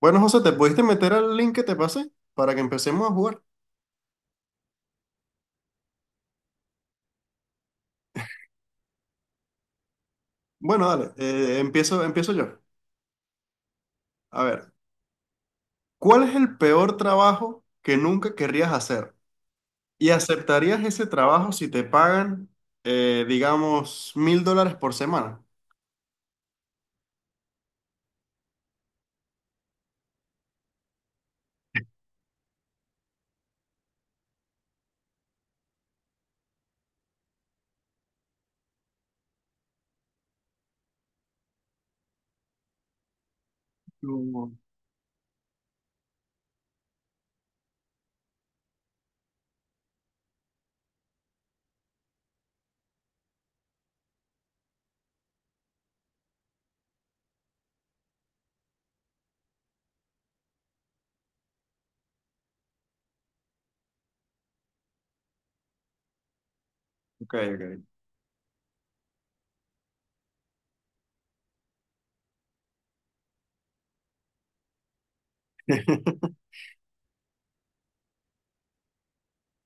Bueno, José, ¿te pudiste meter al link que te pasé para que empecemos a jugar? Bueno, dale, empiezo yo. A ver, ¿cuál es el peor trabajo que nunca querrías hacer? ¿Y aceptarías ese trabajo si te pagan, digamos, 1.000 dólares por semana? No. Ok, ok.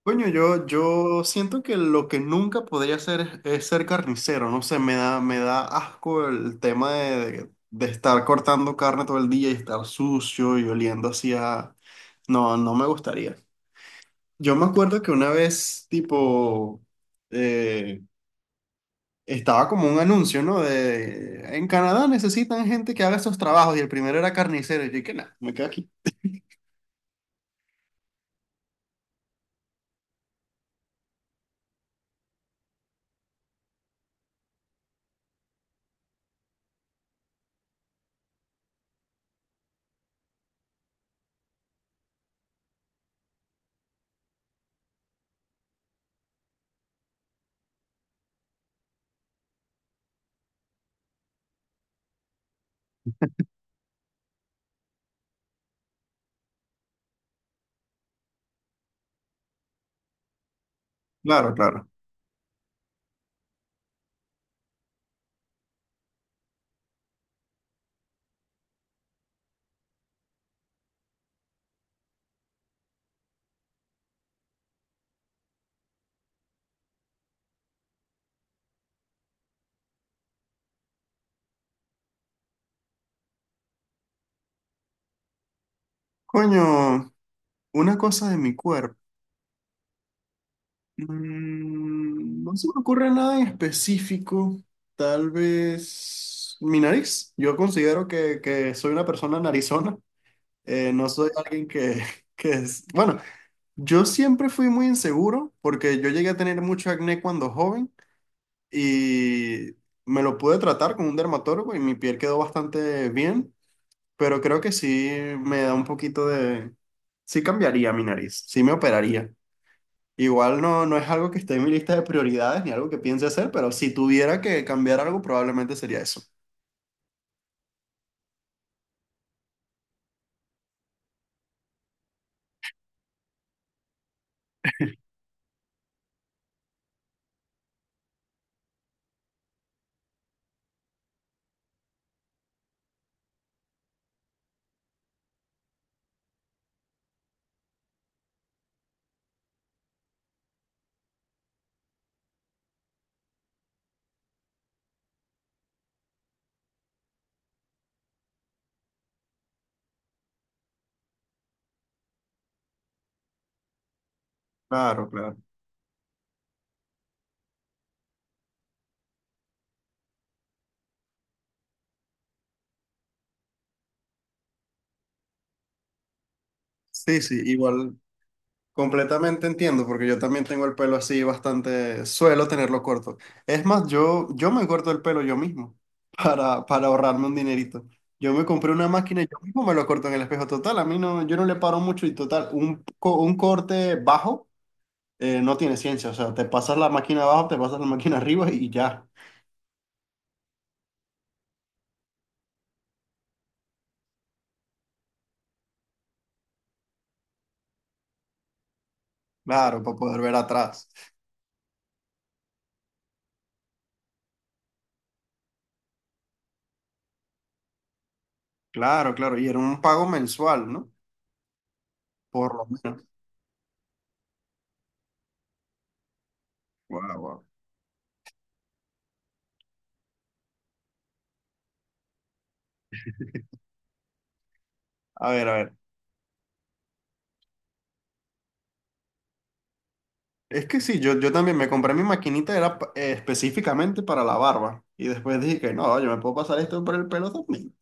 Coño, yo siento que lo que nunca podría hacer es, ser carnicero, no sé, me da asco el tema de estar cortando carne todo el día y estar sucio y oliendo hacia... No, no me gustaría. Yo me acuerdo que una vez, tipo, eh, estaba como un anuncio, ¿no? De, en Canadá necesitan gente que haga estos trabajos y el primero era carnicero y yo dije, nada, me quedo aquí. Claro, claro. Coño, una cosa de mi cuerpo. No se me ocurre nada en específico. Tal vez mi nariz. Yo considero que soy una persona narizona. No soy alguien que, que es... Bueno, yo siempre fui muy inseguro porque yo llegué a tener mucho acné cuando joven y me lo pude tratar con un dermatólogo y mi piel quedó bastante bien, pero creo que sí me da un poquito de... Sí cambiaría mi nariz, sí me operaría. Igual no, no es algo que esté en mi lista de prioridades ni algo que piense hacer, pero si tuviera que cambiar algo, probablemente sería eso. Claro, claro. Sí, sí, igual completamente entiendo, porque yo también tengo el pelo así bastante, suelo tenerlo corto. Es más, yo me corto el pelo yo mismo para ahorrarme un dinerito. Yo me compré una máquina y yo mismo me lo corto en el espejo. Total, a mí no, yo no le paro mucho y total, un corte bajo no tiene ciencia. O sea, te pasas la máquina abajo, te pasas la máquina arriba y ya. Claro, para poder ver atrás. Claro, claro. Y era un pago mensual, ¿no? Por lo menos. Guau, guau. A ver, a ver. Es que sí, yo también me compré mi maquinita, era específicamente para la barba. Y después dije que no, yo me puedo pasar esto por el pelo también.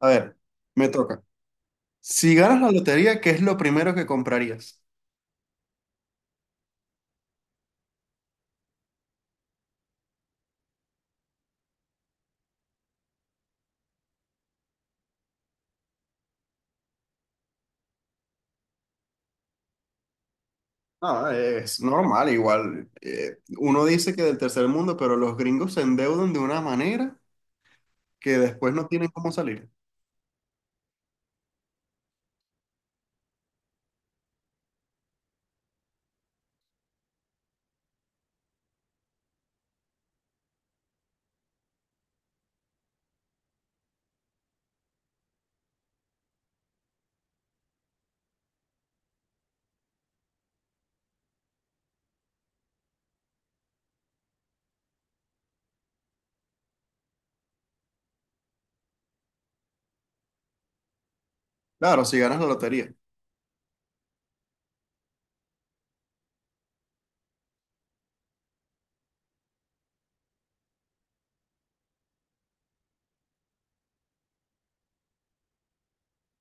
A ver, me toca. Si ganas la lotería, ¿qué es lo primero que comprarías? Ah, es normal, igual. Uno dice que del tercer mundo, pero los gringos se endeudan de una manera que después no tienen cómo salir. Claro, si ganas la lotería.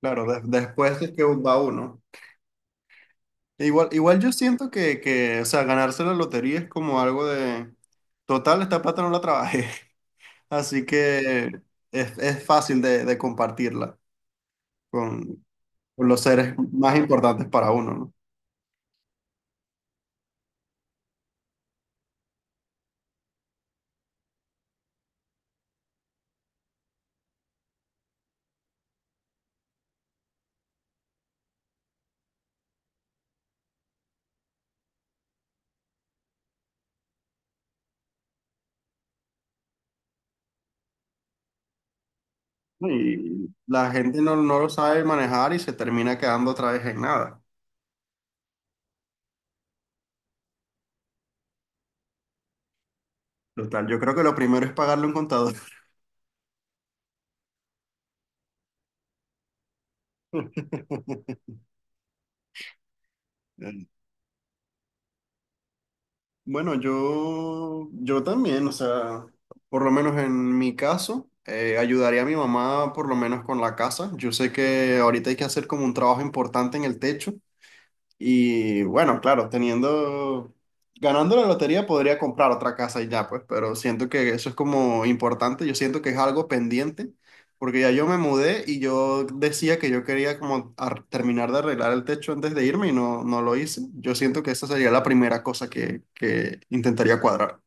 Claro, después es que va uno. Igual yo siento que, o sea, ganarse la lotería es como algo de, total, esta plata no la trabajé, así que es, fácil de, compartirla con, con los seres más importantes para uno, ¿no? Y la gente no, no lo sabe manejar y se termina quedando otra vez en nada. Total, yo creo que lo primero es pagarle a un contador. Bueno, yo también, o sea, por lo menos en mi caso, ayudaría a mi mamá por lo menos con la casa. Yo sé que ahorita hay que hacer como un trabajo importante en el techo y bueno, claro, teniendo, ganando la lotería podría comprar otra casa y ya, pues, pero siento que eso es como importante, yo siento que es algo pendiente, porque ya yo me mudé y yo decía que yo quería como terminar de arreglar el techo antes de irme y no, no lo hice. Yo siento que esa sería la primera cosa que, intentaría cuadrar.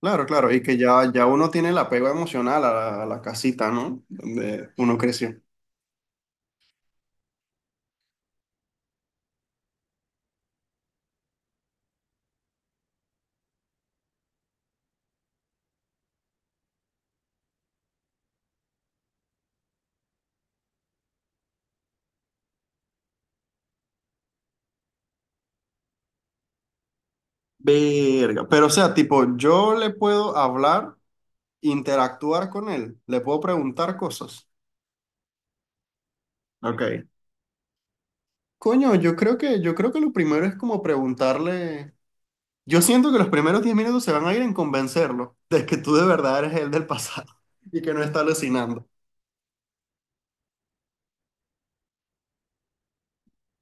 Claro, claro, y que ya, uno tiene el apego emocional a la casita, ¿no? Donde uno creció. Verga, pero o sea, tipo, yo le puedo hablar, interactuar con él, le puedo preguntar cosas. Ok. Coño, yo creo que lo primero es como preguntarle. Yo siento que los primeros 10 minutos se van a ir en convencerlo de que tú de verdad eres el del pasado y que no está alucinando.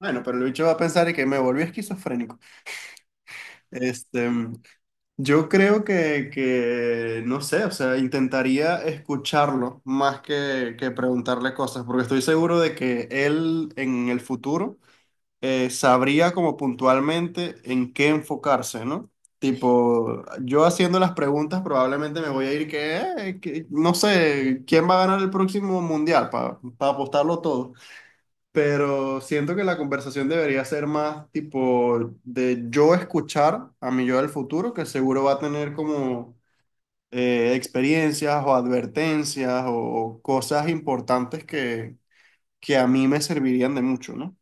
Bueno, pero el bicho va a pensar y que me volví esquizofrénico. Este, yo creo que, no sé, o sea, intentaría escucharlo más que, preguntarle cosas, porque estoy seguro de que él en el futuro sabría como puntualmente en qué enfocarse, ¿no? Tipo, yo haciendo las preguntas probablemente me voy a ir que, no sé, ¿quién va a ganar el próximo mundial? Para apostarlo todo. Pero siento que la conversación debería ser más tipo de yo escuchar a mi yo del futuro, que seguro va a tener como experiencias o advertencias o cosas importantes que a mí me servirían de mucho, ¿no?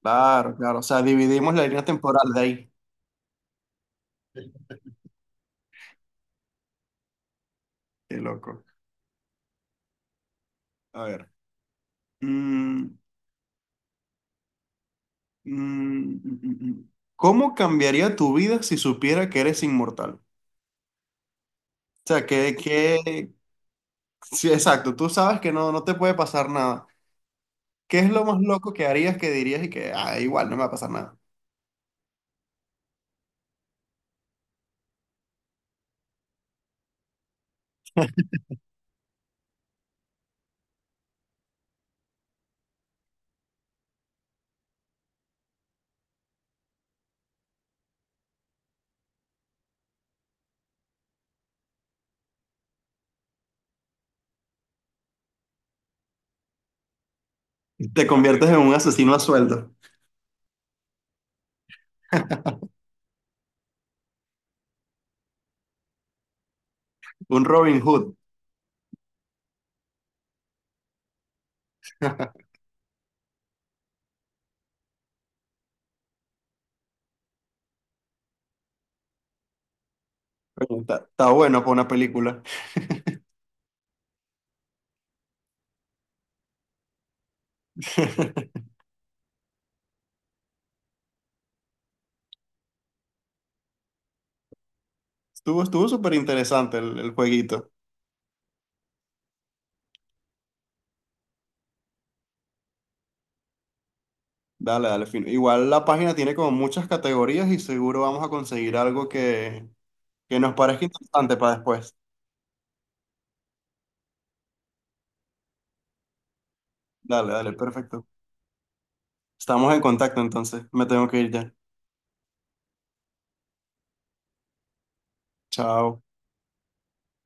Claro, claro. O sea, dividimos la línea temporal de ahí. Qué loco. A ver. Mm, mm, mm, mm, mm. ¿Cómo cambiaría tu vida si supiera que eres inmortal? O sea, que... Sí, exacto. Tú sabes que no, no te puede pasar nada. ¿Qué es lo más loco que harías que dirías y que, ah, igual, no me va a pasar nada? Te conviertes en un asesino a sueldo. Un Robin Hood. Bueno, está bueno para una película. Estuvo súper interesante el jueguito. Dale, dale, fino. Igual la página tiene como muchas categorías y seguro vamos a conseguir algo que, nos parezca interesante para después. Dale, dale, perfecto. Estamos en contacto entonces. Me tengo que ir ya. Chao.